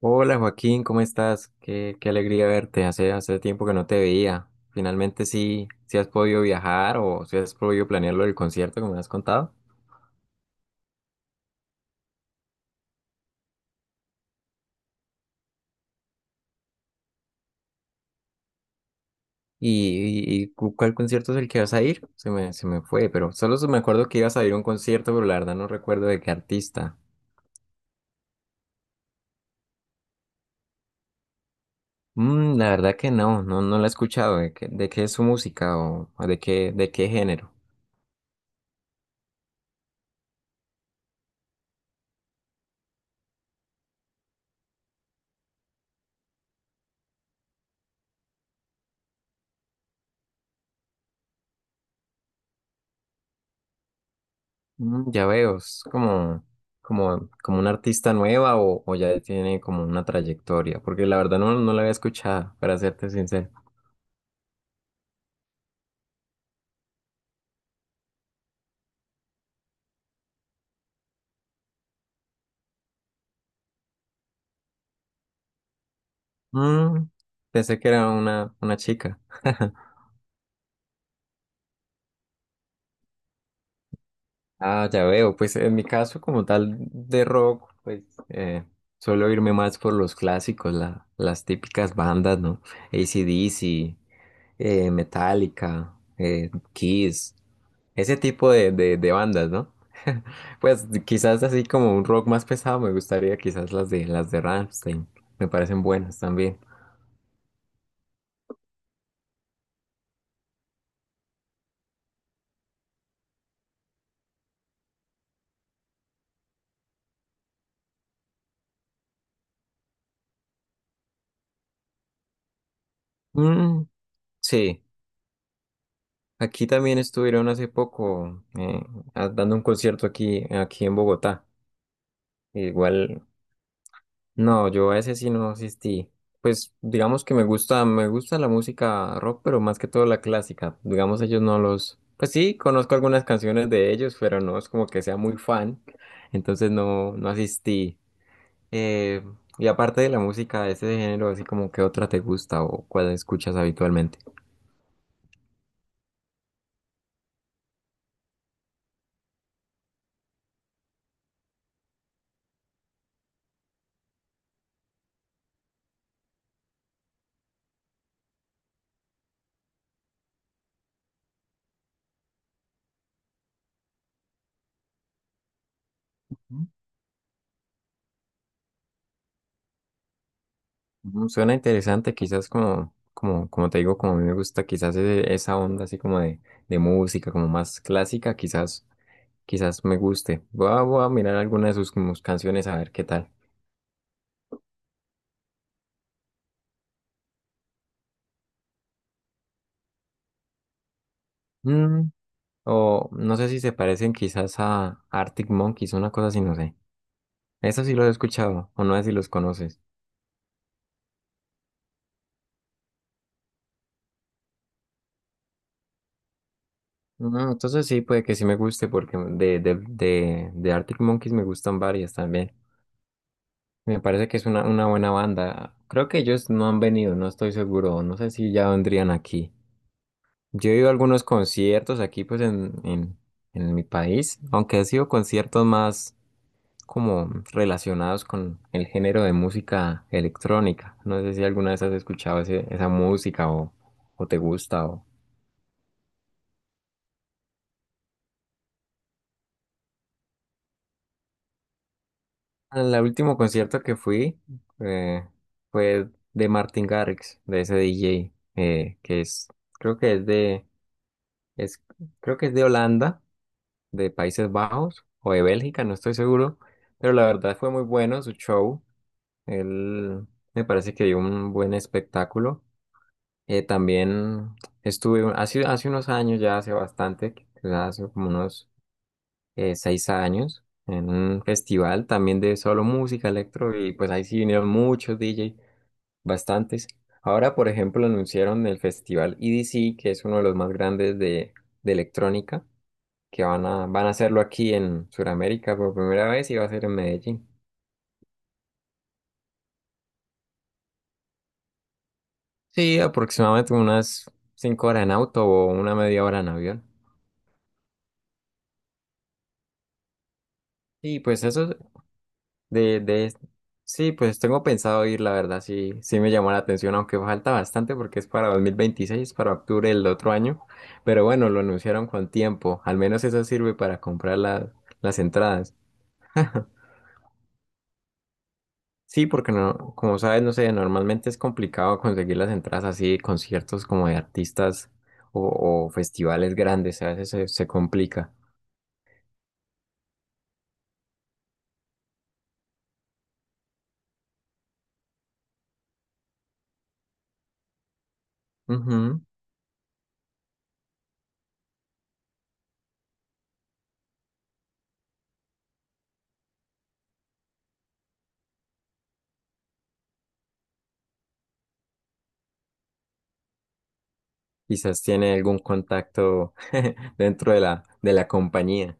Hola Joaquín, ¿cómo estás? Qué alegría verte. Hace tiempo que no te veía. Finalmente sí has podido viajar o si has podido planear lo del concierto que me has contado. ¿Y, cuál concierto es el que vas a ir? Se me fue, pero solo me acuerdo que ibas a ir a un concierto, pero la verdad no recuerdo de qué artista. La verdad que no, no, no la he escuchado. ¿De qué es su música o de qué género? Ya veo. Es como una artista nueva, o ya tiene como una trayectoria, porque la verdad no la había escuchado, para serte sincero. Mm, Pensé que era una chica. Ah, ya veo. Pues en mi caso como tal de rock, pues eh, suelo irme más por los clásicos, las típicas bandas, ¿no? AC/DC, Metallica, Kiss. Ese tipo de bandas, ¿no? Pues quizás así como un rock más pesado, me gustaría quizás las de Rammstein. Me parecen buenas también. Mm, sí, aquí también estuvieron hace poco, dando un concierto aquí en Bogotá. Igual, no, yo a ese sí no asistí. Pues digamos que me gusta la música rock, pero más que todo la clásica. Digamos ellos no los, pues sí, conozco algunas canciones de ellos, pero no es como que sea muy fan, entonces no, no asistí. Eh, y aparte de la música de ese género, así como que otra te gusta o cuál escuchas habitualmente. Suena interesante, quizás como te digo, como a mí me gusta quizás esa onda así como de música, como más clásica, quizás. Quizás me guste. Voy a mirar alguna de sus como canciones a ver qué tal. Mm, o no sé si se parecen quizás a Arctic Monkeys, una cosa así, no sé. Eso sí lo he escuchado, o no sé si los conoces. Entonces sí, puede que sí me guste porque de Arctic Monkeys me gustan varias también. Me parece que es una buena banda. Creo que ellos no han venido, no estoy seguro. No sé si ya vendrían aquí. Yo he ido a algunos conciertos aquí, pues en mi país, aunque ha sido conciertos más como relacionados con el género de música electrónica. No sé si alguna vez has escuchado esa música, o te gusta. El último concierto que fui, eh, fue de Martin Garrix, de ese DJ, que es, creo que es de, es, creo que es de Holanda, de Países Bajos o de Bélgica, no estoy seguro, pero la verdad fue muy bueno su show. Él me parece que dio un buen espectáculo. También estuve hace unos años, ya hace bastante, quizás hace como unos 6 años, en un festival también de solo música electro y pues ahí sí vinieron muchos DJ, bastantes. Ahora, por ejemplo, anunciaron el festival EDC, que es uno de los más grandes de electrónica, que van a hacerlo aquí en Sudamérica por primera vez y va a ser en Medellín. Sí, aproximadamente unas 5 horas en auto o una media hora en avión. Y pues eso. De, de, sí, pues tengo pensado ir, la verdad, sí me llamó la atención, aunque falta bastante porque es para 2026, para octubre del otro año, pero bueno, lo anunciaron con tiempo, al menos eso sirve para comprar las entradas. Sí, porque no, como sabes, no sé, normalmente es complicado conseguir las entradas así, de conciertos como de artistas o festivales grandes, a veces se complica. Ujú. Quizás tiene algún contacto dentro de la compañía.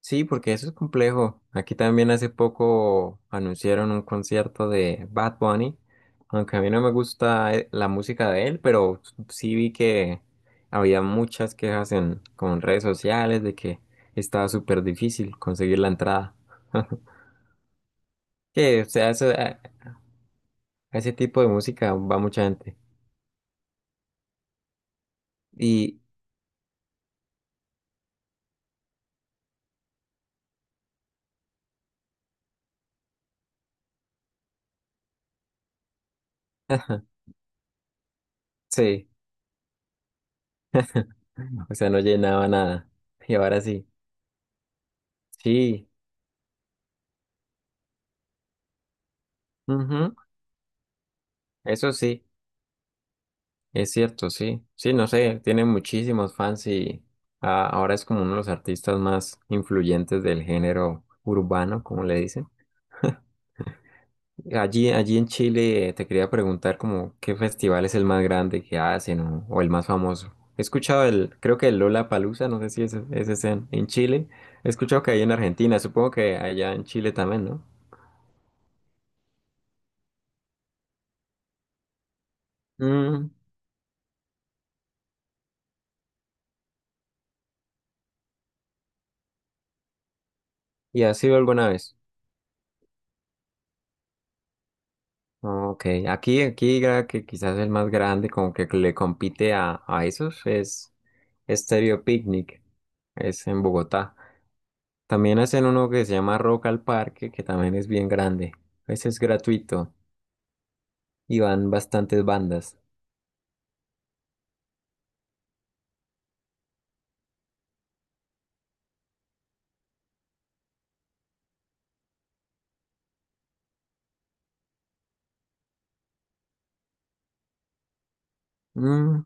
Sí, porque eso es complejo. Aquí también hace poco anunciaron un concierto de Bad Bunny, aunque a mí no me gusta, la música de él, pero sí vi que había muchas quejas en con redes sociales de que estaba súper difícil conseguir la entrada. Que, o sea, a ese tipo de música va mucha gente. Y, sí, o sea, no llenaba nada. Y ahora sí. Sí, ujú, eso sí. Es cierto, sí. Sí, no sé, tiene muchísimos fans y, ahora es como uno de los artistas más influyentes del género urbano, como le dicen. Allí en Chile, te quería preguntar como qué festival es el más grande que hacen o el más famoso. He escuchado creo que el Lollapalooza, no sé si ese es en Chile. He escuchado que hay en Argentina, supongo que allá en Chile también, ¿no? Mm, ¿Y has ido alguna vez? Ah, ok, aquí ya que quizás el más grande como que le compite a esos es Stereo Picnic, es en Bogotá. También hacen uno que se llama Rock al Parque, que también es bien grande. Ese es gratuito y van bastantes bandas. Mm,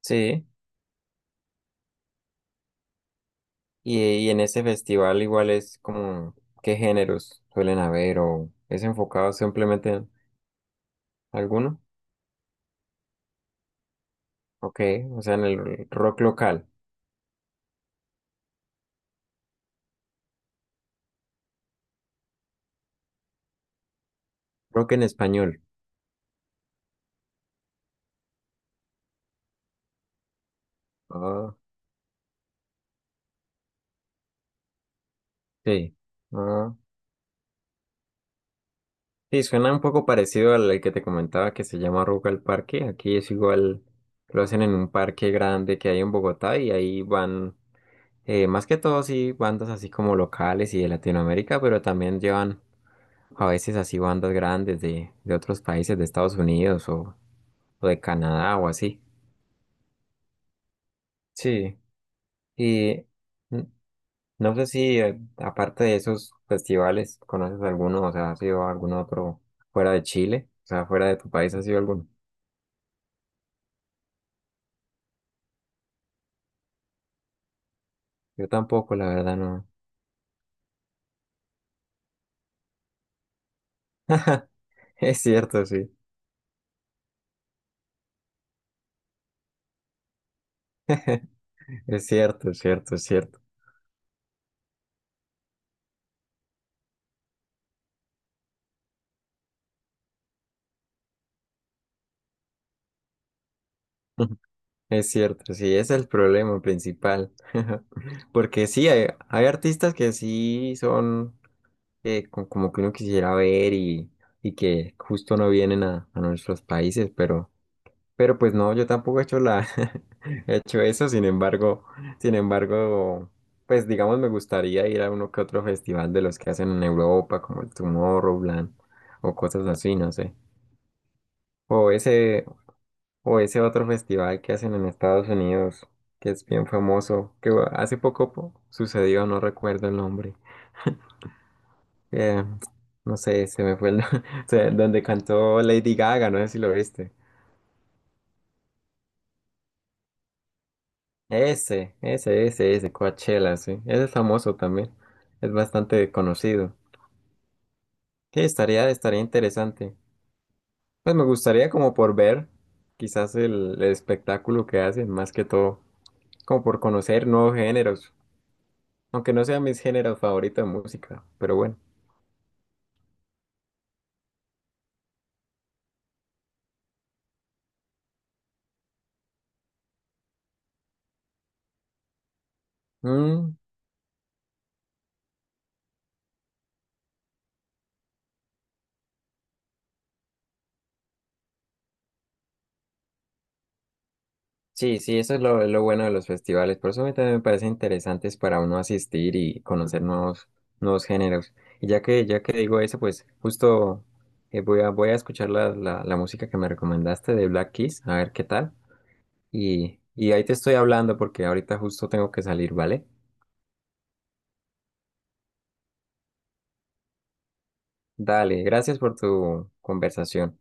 sí, y, y en ese festival igual es como, ¿qué géneros suelen haber o es enfocado simplemente en alguno? Ok, o sea, en el rock local, rock en español. Ah, sí. Ah, sí, suena un poco parecido al que te comentaba que se llama Ruca el Parque. Aquí es igual, lo hacen en un parque grande que hay en Bogotá y ahí van, más que todo, sí, bandas así como locales y de Latinoamérica, pero también llevan a veces así bandas grandes de otros países, de Estados Unidos o de Canadá o así. Sí, y n- no sé si, aparte de esos festivales, ¿conoces alguno? O sea, ¿has ido a algún otro fuera de Chile? O sea, fuera de tu país, ¿has ido a alguno? Yo tampoco, la verdad, no. Es cierto, sí. Es cierto, es cierto, es cierto. Es cierto, sí, ese es el problema principal. Porque sí, hay artistas que sí son, como que uno quisiera ver y que justo no vienen a nuestros países, pero pues no, yo tampoco he hecho eso. Sin embargo, pues digamos me gustaría ir a uno que otro festival de los que hacen en Europa, como el Tomorrowland o cosas así, no sé. O ese, o ese otro festival que hacen en Estados Unidos, que es bien famoso, que hace poco sucedió, no recuerdo el nombre. Eh, no sé, se me fue el nombre. Donde cantó Lady Gaga, no sé si lo viste. Ese Coachella, sí. Ese es famoso también. Es bastante conocido. Sí, estaría interesante. Pues me gustaría como por ver quizás el espectáculo que hacen, más que todo, como por conocer nuevos géneros. Aunque no sea mi género favorito de música, pero bueno. Mm, sí, sí, eso es lo bueno de los festivales. Por eso a mí también me parecen interesantes para uno asistir y conocer nuevos géneros. Y ya que digo eso, pues justo, voy a escuchar la música que me recomendaste de Black Keys, a ver qué tal. Y ahí te estoy hablando porque ahorita justo tengo que salir, ¿vale? Dale, gracias por tu conversación.